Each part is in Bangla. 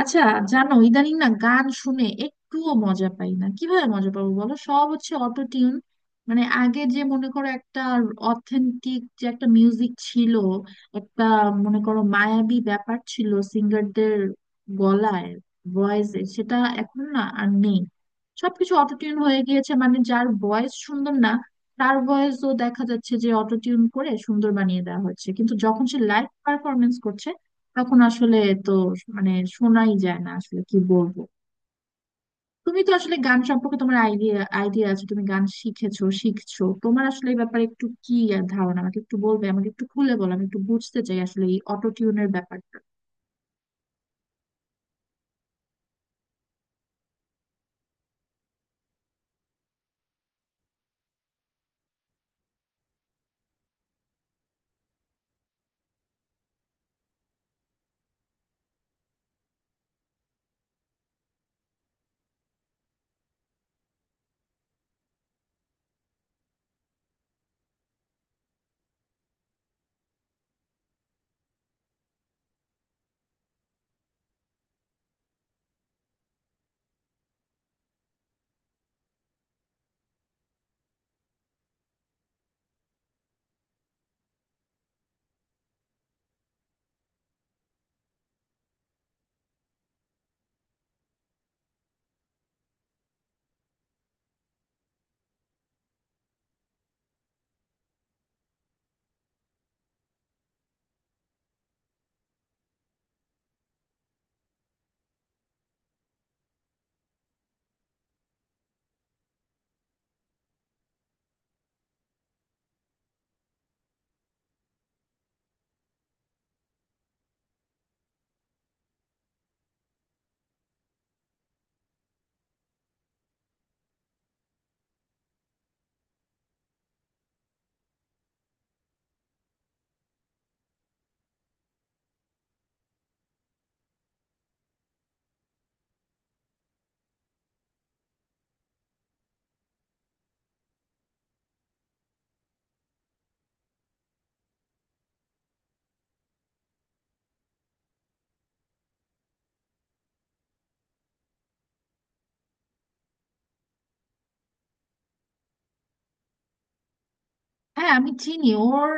আচ্ছা। জানো, ইদানিং না গান শুনে একটুও মজা পাই না। কিভাবে মজা পাবো বলো, সব হচ্ছে অটো টিউন। মানে আগে যে মনে করো একটা অথেন্টিক যে একটা মিউজিক ছিল, একটা মনে করো মায়াবী ব্যাপার ছিল সিঙ্গারদের গলায়, ভয়েসে — সেটা এখন না আর নেই। সবকিছু অটো টিউন হয়ে গিয়েছে। মানে যার ভয়েস সুন্দর না, তার ভয়েসও দেখা যাচ্ছে যে অটো টিউন করে সুন্দর বানিয়ে দেওয়া হচ্ছে। কিন্তু যখন সে লাইভ পারফরমেন্স করছে তখন আসলে, তো, মানে, শোনাই যায় না। আসলে কি বলবো, তুমি তো আসলে গান সম্পর্কে তোমার আইডিয়া আইডিয়া আছে, তুমি গান শিখেছো, শিখছো, তোমার আসলে এই ব্যাপারে একটু কি ধারণা আমাকে একটু বলবে? আমাকে একটু খুলে বলো, আমি একটু বুঝতে চাই আসলে এই অটো টিউনের ব্যাপারটা। হ্যাঁ, আমি চিনি ওর।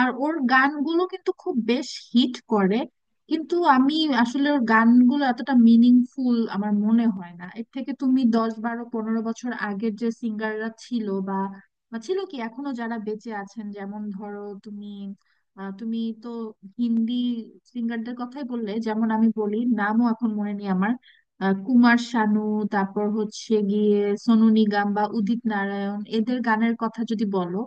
আর ওর গানগুলো কিন্তু খুব বেশ হিট করে, কিন্তু আমি আসলে ওর গানগুলো এতটা মিনিংফুল আমার মনে হয় না। এর থেকে তুমি 10-12-15 বছর আগের যে সিঙ্গাররা ছিল বা বা ছিল কি এখনো যারা বেঁচে আছেন, যেমন ধরো তুমি — তুমি তো হিন্দি সিঙ্গারদের কথাই বললে, যেমন আমি বলি, নামও এখন মনে নেই আমার, কুমার শানু, তারপর হচ্ছে গিয়ে সোনু নিগম বা উদিত নারায়ণ, এদের গানের কথা যদি বলো,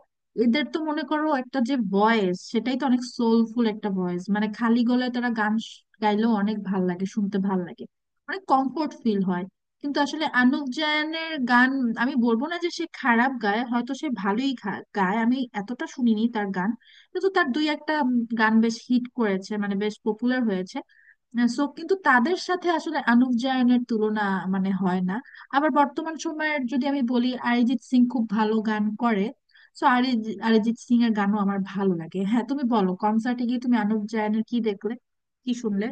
এদের তো মনে করো একটা যে ভয়েস, সেটাই তো অনেক সোলফুল একটা ভয়েস। মানে খালি গলায় তারা গান গাইলেও অনেক ভাল লাগে, শুনতে ভাল লাগে, অনেক কমফোর্ট ফিল হয়। কিন্তু আসলে আনুপ জায়নের গান — আমি বলবো না যে সে খারাপ গায়, হয়তো সে ভালোই গায়, আমি এতটা শুনিনি তার গান। কিন্তু তার দুই একটা গান বেশ হিট করেছে, মানে বেশ পপুলার হয়েছে। সো কিন্তু তাদের সাথে আসলে আনুপ জায়নের তুলনা মানে হয় না। আবার বর্তমান সময়ের যদি আমি বলি, অরিজিৎ সিং খুব ভালো গান করে, সো অরিজিৎ অরিজিৎ সিং এর গানও আমার ভালো লাগে। হ্যাঁ, তুমি বলো, কনসার্টে গিয়ে তুমি আনুপ জায়নের কি দেখলে, কি শুনলে?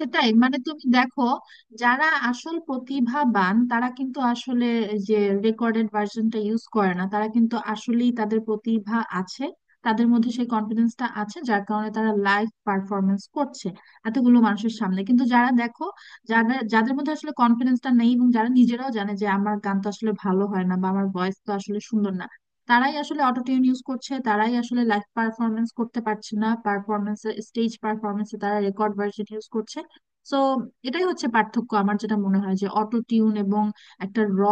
সেটাই, মানে তুমি দেখো, যারা আসল প্রতিভাবান তারা কিন্তু আসলে যে রেকর্ডেড ভার্সনটা ইউজ করে না, তারা কিন্তু আসলেই তাদের প্রতিভা আছে, তাদের মধ্যে সেই কনফিডেন্সটা আছে, যার কারণে তারা লাইভ পারফরমেন্স করছে এতগুলো মানুষের সামনে। কিন্তু যারা দেখো, যাদের যাদের মধ্যে আসলে কনফিডেন্সটা নেই এবং যারা নিজেরাও জানে যে আমার গান তো আসলে ভালো হয় না বা আমার ভয়েস তো আসলে সুন্দর না, তারাই আসলে অটোটিউন ইউজ করছে, তারাই আসলে লাইভ পারফরমেন্স করতে পারছে না। পারফরমেন্স, স্টেজ পারফরমেন্সে তারা রেকর্ড ভার্সন ইউজ করছে। সো এটাই হচ্ছে পার্থক্য আমার যেটা মনে হয় যে অটো টিউন এবং একটা র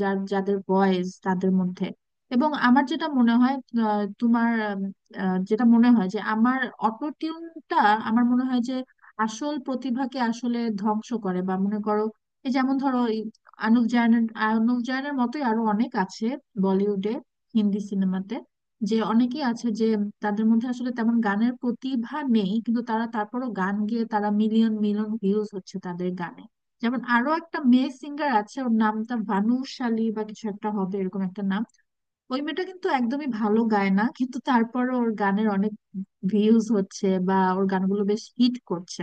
যার যাদের ভয়েস তাদের মধ্যে। এবং আমার যেটা মনে হয়, তোমার, উম, যেটা মনে হয় যে আমার অটো টিউনটা, আমার মনে হয় যে আসল প্রতিভাকে আসলে ধ্বংস করে। বা মনে করো এই যেমন ধরো এই অনুপ জায়নের অনুপ জায়নের মতোই আরো অনেক আছে বলিউডে, হিন্দি সিনেমাতে, যে অনেকেই আছে যে তাদের মধ্যে আসলে তেমন গানের প্রতিভা নেই, কিন্তু তারা তারপরও গান গেয়ে তারা মিলিয়ন মিলিয়ন ভিউজ হচ্ছে তাদের গানে। যেমন আরো একটা মেয়ে সিঙ্গার আছে, ওর নামটা ভানুশালী বা কিছু একটা হবে এরকম একটা নাম, ওই মেয়েটা কিন্তু একদমই ভালো গায় না, কিন্তু তারপরও ওর গানের অনেক ভিউজ হচ্ছে বা ওর গানগুলো বেশ হিট করছে।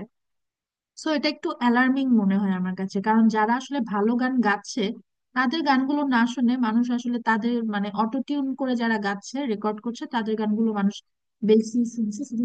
সো এটা একটু অ্যালার্মিং মনে হয় আমার কাছে, কারণ যারা আসলে ভালো গান গাচ্ছে তাদের গানগুলো না শুনে মানুষ আসলে তাদের, মানে অটো টিউন করে যারা গাচ্ছে রেকর্ড করছে তাদের গানগুলো মানুষ বেশি শুনছে শুধু।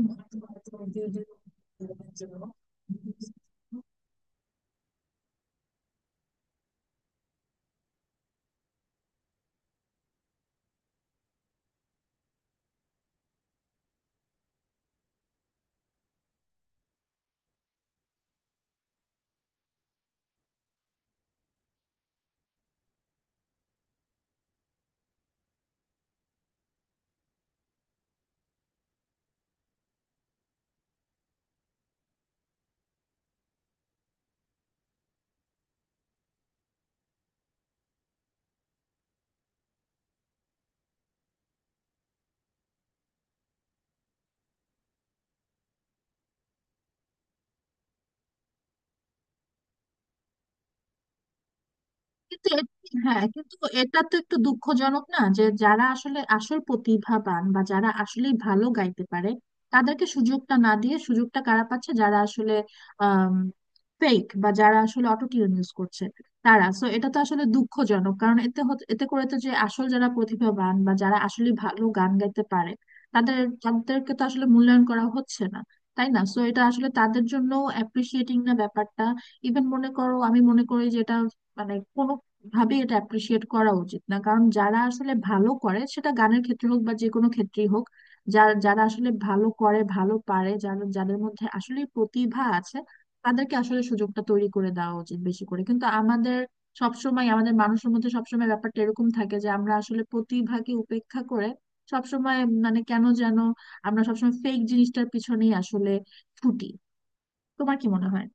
কিন্তু হ্যাঁ কিন্তু, এটা তো একটু দুঃখজনক না যে যারা আসলে আসল প্রতিভাবান বা যারা আসলেই ভালো গাইতে পারে তাদেরকে সুযোগটা না দিয়ে সুযোগটা কারা পাচ্ছে? যারা আসলে ফেক বা যারা আসলে অটোটিউন ইউজ করছে তারা। সো এটা তো আসলে দুঃখজনক, কারণ এতে এতে করে তো যে আসল যারা প্রতিভাবান বা যারা আসলে ভালো গান গাইতে পারে তাদের, তাদেরকে তো আসলে মূল্যায়ন করা হচ্ছে না, তাই না? সো এটা আসলে তাদের জন্য অ্যাপ্রিসিয়েটিং না ব্যাপারটা। ইভেন মনে করো, আমি মনে করি যে এটা মানে কোনো ভাবে এটা অ্যাপ্রিসিয়েট করা উচিত না, কারণ যারা আসলে ভালো করে, সেটা গানের ক্ষেত্রে হোক বা যে কোনো ক্ষেত্রেই হোক, যারা যারা আসলে ভালো করে, ভালো পারে, যারা যাদের মধ্যে আসলে প্রতিভা আছে, তাদেরকে আসলে সুযোগটা তৈরি করে দেওয়া উচিত বেশি করে। কিন্তু আমাদের সবসময়, আমাদের মানুষের মধ্যে সবসময় ব্যাপারটা এরকম থাকে যে আমরা আসলে প্রতিভাকে উপেক্ষা করে সবসময়, মানে কেন যেন আমরা সবসময় ফেক জিনিসটার পিছনেই আসলে ছুটি। তোমার কি মনে হয়?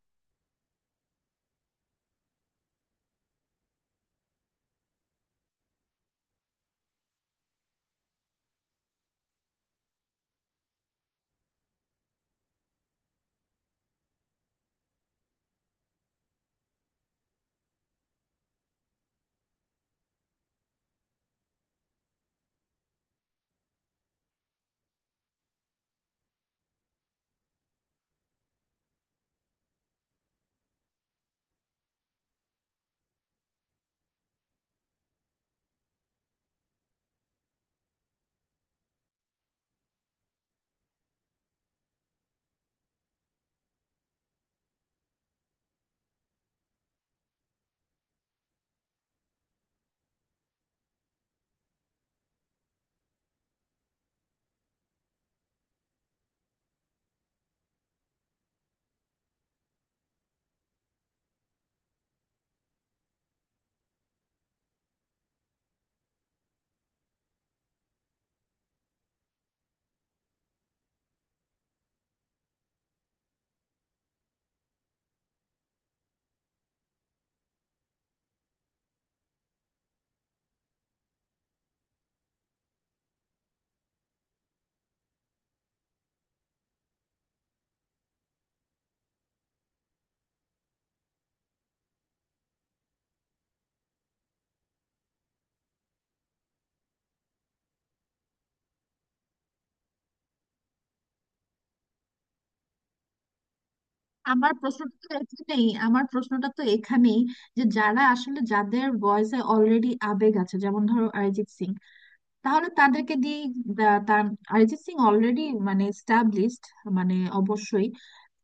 আমার প্রশ্নটা তো এখানেই, যে যারা আসলে যাদের ভয়েসে অলরেডি আবেগ আছে, যেমন ধরো অরিজিৎ সিং, তাহলে তাদেরকে দিয়ে, তার, অরিজিৎ সিং অলরেডি মানে এস্টাবলিশড, মানে অবশ্যই।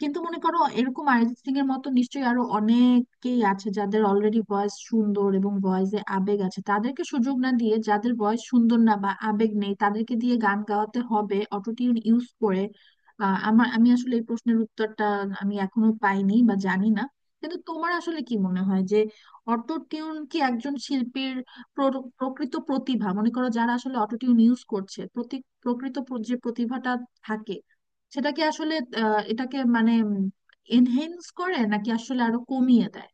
কিন্তু মনে করো এরকম অরিজিৎ সিং এর মতো নিশ্চয়ই আরো অনেকেই আছে যাদের অলরেডি ভয়েস সুন্দর এবং ভয়েসে আবেগ আছে, তাদেরকে সুযোগ না দিয়ে যাদের ভয়েস সুন্দর না বা আবেগ নেই তাদেরকে দিয়ে গান গাওয়াতে হবে অটোটিউন ইউজ করে? আমার, আমি আসলে এই প্রশ্নের উত্তরটা আমি এখনো পাইনি বা জানি না। কিন্তু তোমার আসলে কি মনে হয় যে অটো টিউন কি একজন শিল্পীর প্রকৃত প্রতিভা, মনে করো যারা আসলে অটোটিউন ইউজ করছে, প্রতি, প্রকৃত যে প্রতিভাটা থাকে সেটাকে আসলে, এটাকে মানে এনহেন্স করে নাকি আসলে আরো কমিয়ে দেয়?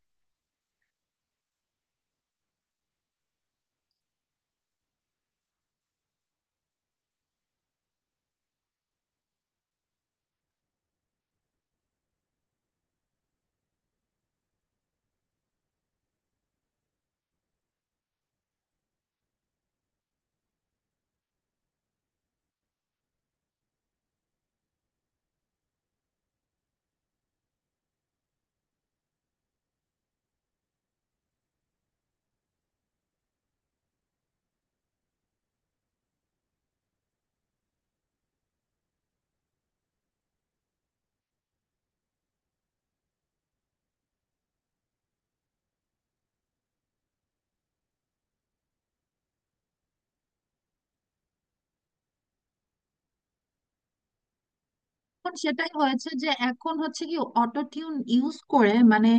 এখন সেটাই হয়েছে, যে এখন হচ্ছে কি, অটো টিউন ইউজ করে মানে,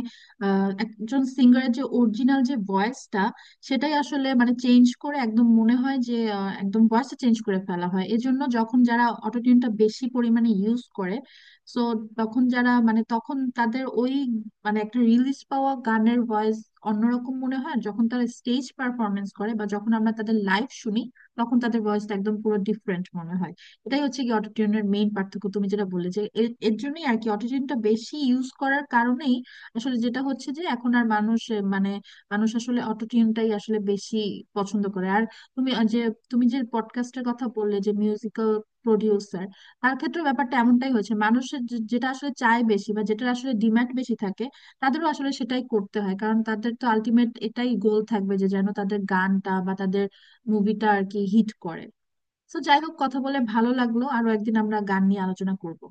একজন সিঙ্গারের যে অরিজিনাল যে ভয়েসটা, সেটাই আসলে মানে চেঞ্জ করে একদম, মনে হয় যে একদম ভয়েসটা চেঞ্জ করে ফেলা হয়। এজন্য যখন যারা অটো টিউনটা বেশি পরিমাণে ইউজ করে, সো তখন যারা মানে তখন তাদের ওই মানে একটা রিলিজ পাওয়া গানের ভয়েস অন্যরকম মনে হয় যখন তারা স্টেজ পারফরমেন্স করে বা যখন আমরা তাদের লাইভ শুনি, তখন তাদের ভয়েসটা একদম পুরো ডিফারেন্ট মনে হয়। এটাই হচ্ছে কি অটোটিউনের মেইন পার্থক্য তুমি যেটা বললে, যে এর জন্যই আর কি অটোটিউনটা বেশি ইউজ করার কারণেই আসলে যেটা হচ্ছে যে এখন আর মানুষ মানে মানুষ আসলে অটোটিউনটাই আসলে বেশি পছন্দ করে। আর তুমি যে তুমি যে পডকাস্টের কথা বললে যে মিউজিক্যাল প্রডিউসার, তার ক্ষেত্রে ব্যাপারটা এমনটাই হয়েছে, মানুষের যেটা আসলে চায় বেশি বা যেটা আসলে ডিমান্ড বেশি থাকে, তাদেরও আসলে সেটাই করতে হয়, কারণ তাদের তো আলটিমেট এটাই গোল থাকবে যে যেন তাদের গানটা বা তাদের মুভিটা আর কি হিট করে। তো যাই হোক, কথা বলে ভালো লাগলো, আরো একদিন আমরা গান নিয়ে আলোচনা করব।